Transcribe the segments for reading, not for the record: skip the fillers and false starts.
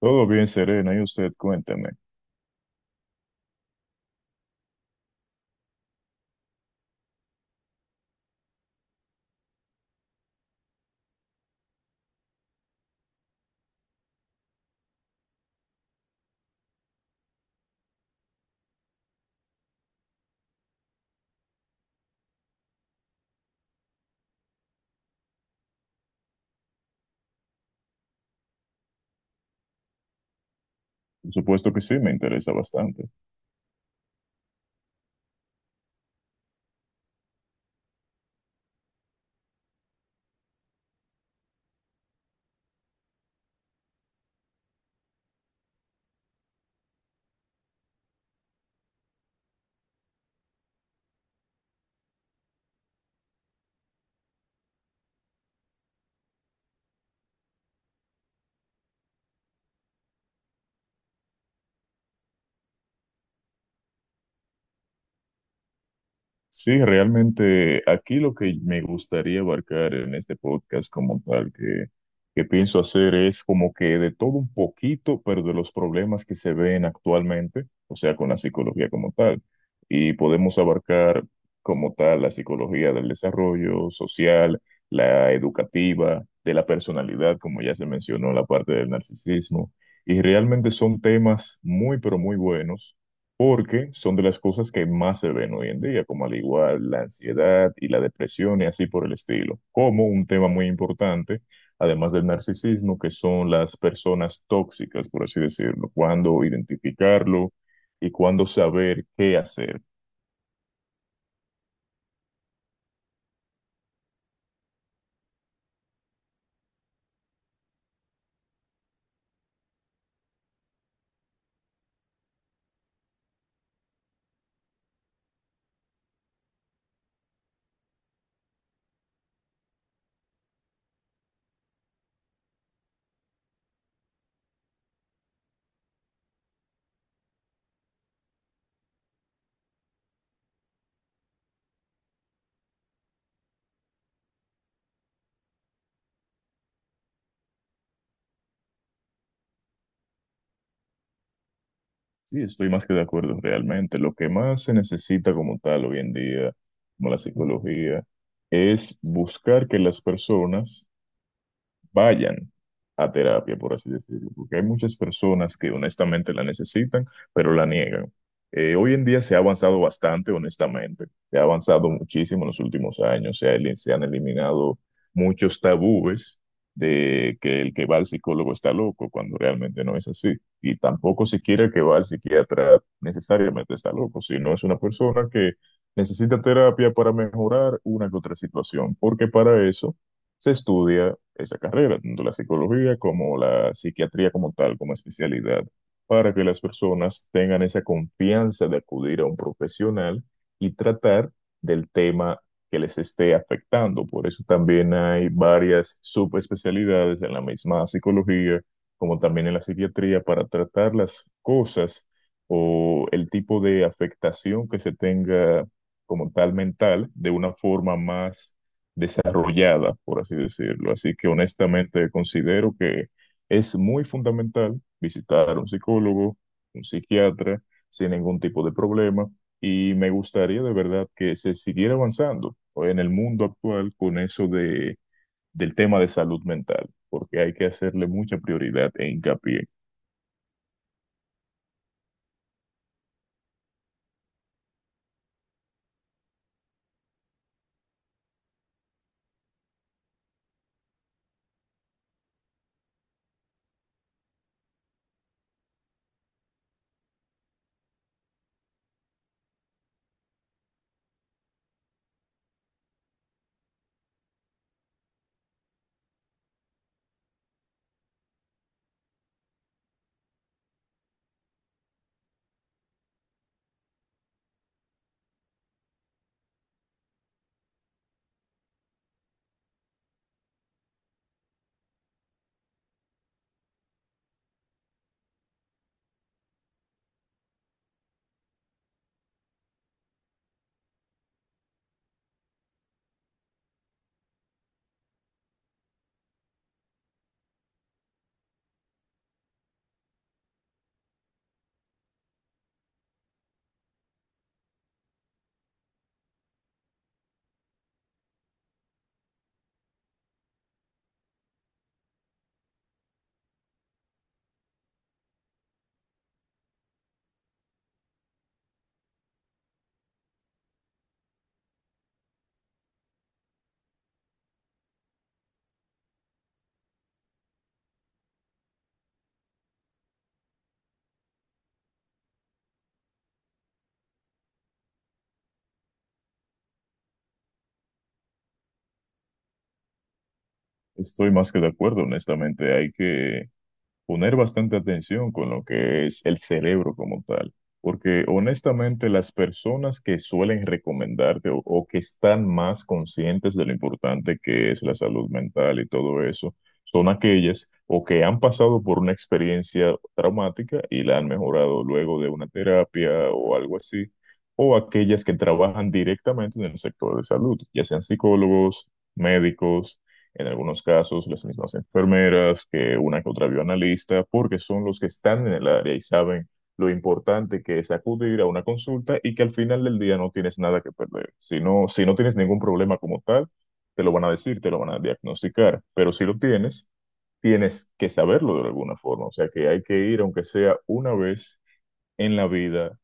Todo bien, Serena, y usted cuénteme. Por supuesto que sí, me interesa bastante. Sí, realmente aquí lo que me gustaría abarcar en este podcast como tal que pienso hacer es como que de todo un poquito, pero de los problemas que se ven actualmente, o sea, con la psicología como tal. Y podemos abarcar como tal la psicología del desarrollo social, la educativa, de la personalidad, como ya se mencionó, la parte del narcisismo. Y realmente son temas muy, pero muy buenos porque son de las cosas que más se ven hoy en día, como al igual la ansiedad y la depresión y así por el estilo, como un tema muy importante, además del narcisismo, que son las personas tóxicas, por así decirlo, cuándo identificarlo y cuándo saber qué hacer. Sí, estoy más que de acuerdo realmente. Lo que más se necesita como tal hoy en día, como la psicología, es buscar que las personas vayan a terapia, por así decirlo, porque hay muchas personas que honestamente la necesitan, pero la niegan. Hoy en día se ha avanzado bastante, honestamente, se ha avanzado muchísimo en los últimos años, se han eliminado muchos tabúes de que el que va al psicólogo está loco, cuando realmente no es así. Y tampoco siquiera el que va al psiquiatra necesariamente está loco, sino es una persona que necesita terapia para mejorar una que otra situación, porque para eso se estudia esa carrera, tanto la psicología como la psiquiatría como tal, como especialidad, para que las personas tengan esa confianza de acudir a un profesional y tratar del tema que les esté afectando. Por eso también hay varias subespecialidades en la misma psicología, como también en la psiquiatría, para tratar las cosas o el tipo de afectación que se tenga como tal mental de una forma más desarrollada, por así decirlo. Así que honestamente considero que es muy fundamental visitar a un psicólogo, un psiquiatra, sin ningún tipo de problema. Y me gustaría de verdad que se siguiera avanzando, ¿no?, en el mundo actual con eso del tema de salud mental, porque hay que hacerle mucha prioridad e hincapié. Estoy más que de acuerdo, honestamente. Hay que poner bastante atención con lo que es el cerebro como tal, porque honestamente las personas que suelen recomendarte o que están más conscientes de lo importante que es la salud mental y todo eso, son aquellas o que han pasado por una experiencia traumática y la han mejorado luego de una terapia o algo así, o aquellas que trabajan directamente en el sector de salud, ya sean psicólogos, médicos, en algunos casos las mismas enfermeras que una que otra bioanalista, porque son los que están en el área y saben lo importante que es acudir a una consulta y que al final del día no tienes nada que perder. Si no, si no tienes ningún problema como tal, te lo van a decir, te lo van a diagnosticar, pero si lo tienes, tienes que saberlo de alguna forma, o sea que hay que ir, aunque sea una vez en la vida,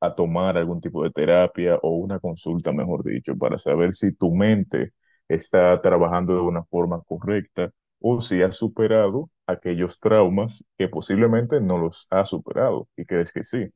a tomar algún tipo de terapia o una consulta, mejor dicho, para saber si tu mente está trabajando de una forma correcta o si has superado aquellos traumas que posiblemente no los has superado y crees que sí.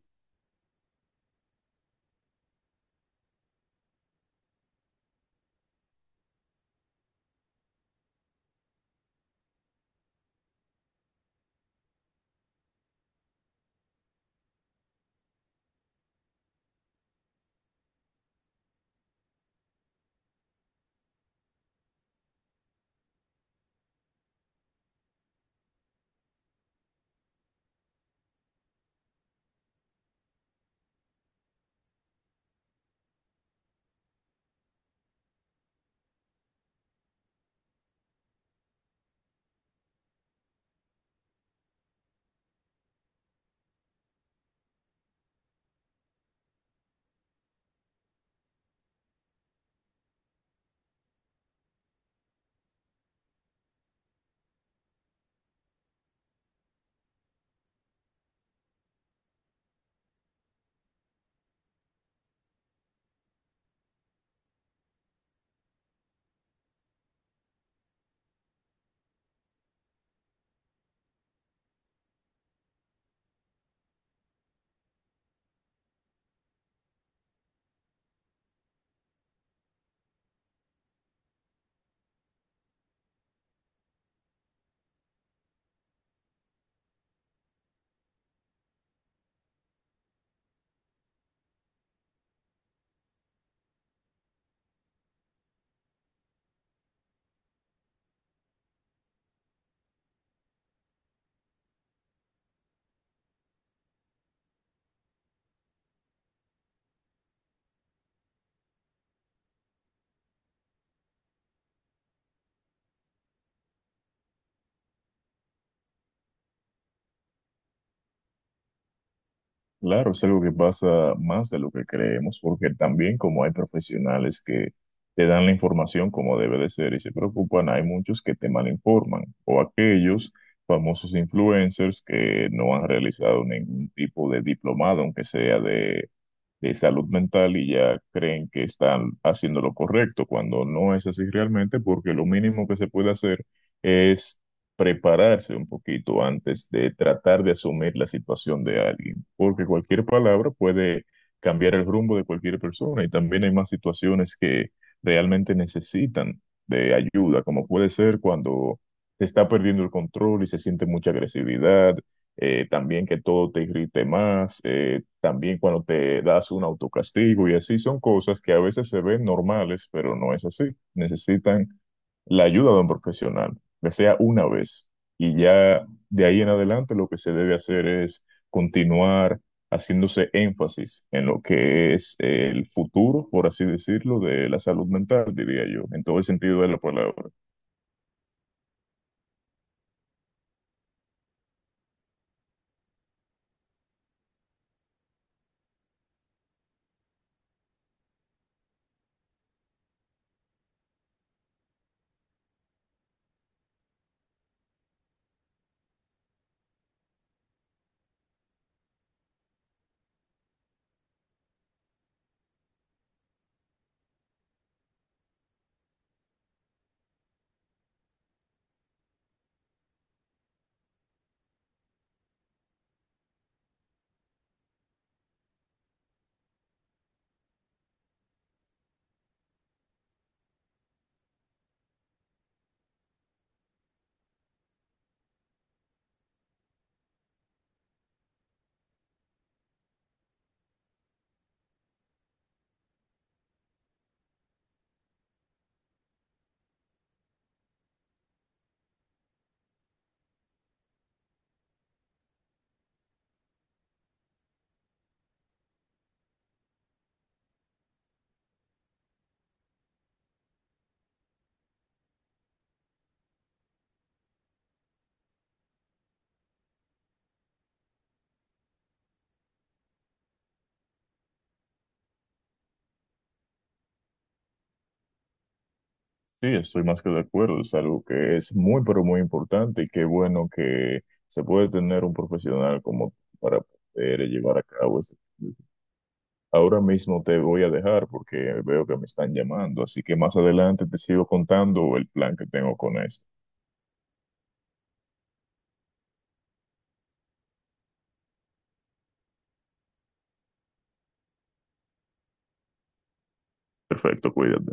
Claro, es algo que pasa más de lo que creemos, porque también como hay profesionales que te dan la información como debe de ser y se preocupan, hay muchos que te malinforman, o aquellos famosos influencers que no han realizado ningún tipo de diplomado, aunque sea de salud mental, y ya creen que están haciendo lo correcto, cuando no es así realmente, porque lo mínimo que se puede hacer es prepararse un poquito antes de tratar de asumir la situación de alguien, porque cualquier palabra puede cambiar el rumbo de cualquier persona y también hay más situaciones que realmente necesitan de ayuda, como puede ser cuando se está perdiendo el control y se siente mucha agresividad, también que todo te irrite más, también cuando te das un autocastigo y así son cosas que a veces se ven normales, pero no es así, necesitan la ayuda de un profesional ya sea una vez. Y ya de ahí en adelante lo que se debe hacer es continuar haciéndose énfasis en lo que es el futuro, por así decirlo, de la salud mental, diría yo, en todo el sentido de la palabra. Sí, estoy más que de acuerdo, es algo que es muy, pero muy importante y qué bueno que se puede tener un profesional como para poder llevar a cabo este. Ahora mismo te voy a dejar porque veo que me están llamando, así que más adelante te sigo contando el plan que tengo con esto. Perfecto, cuídate.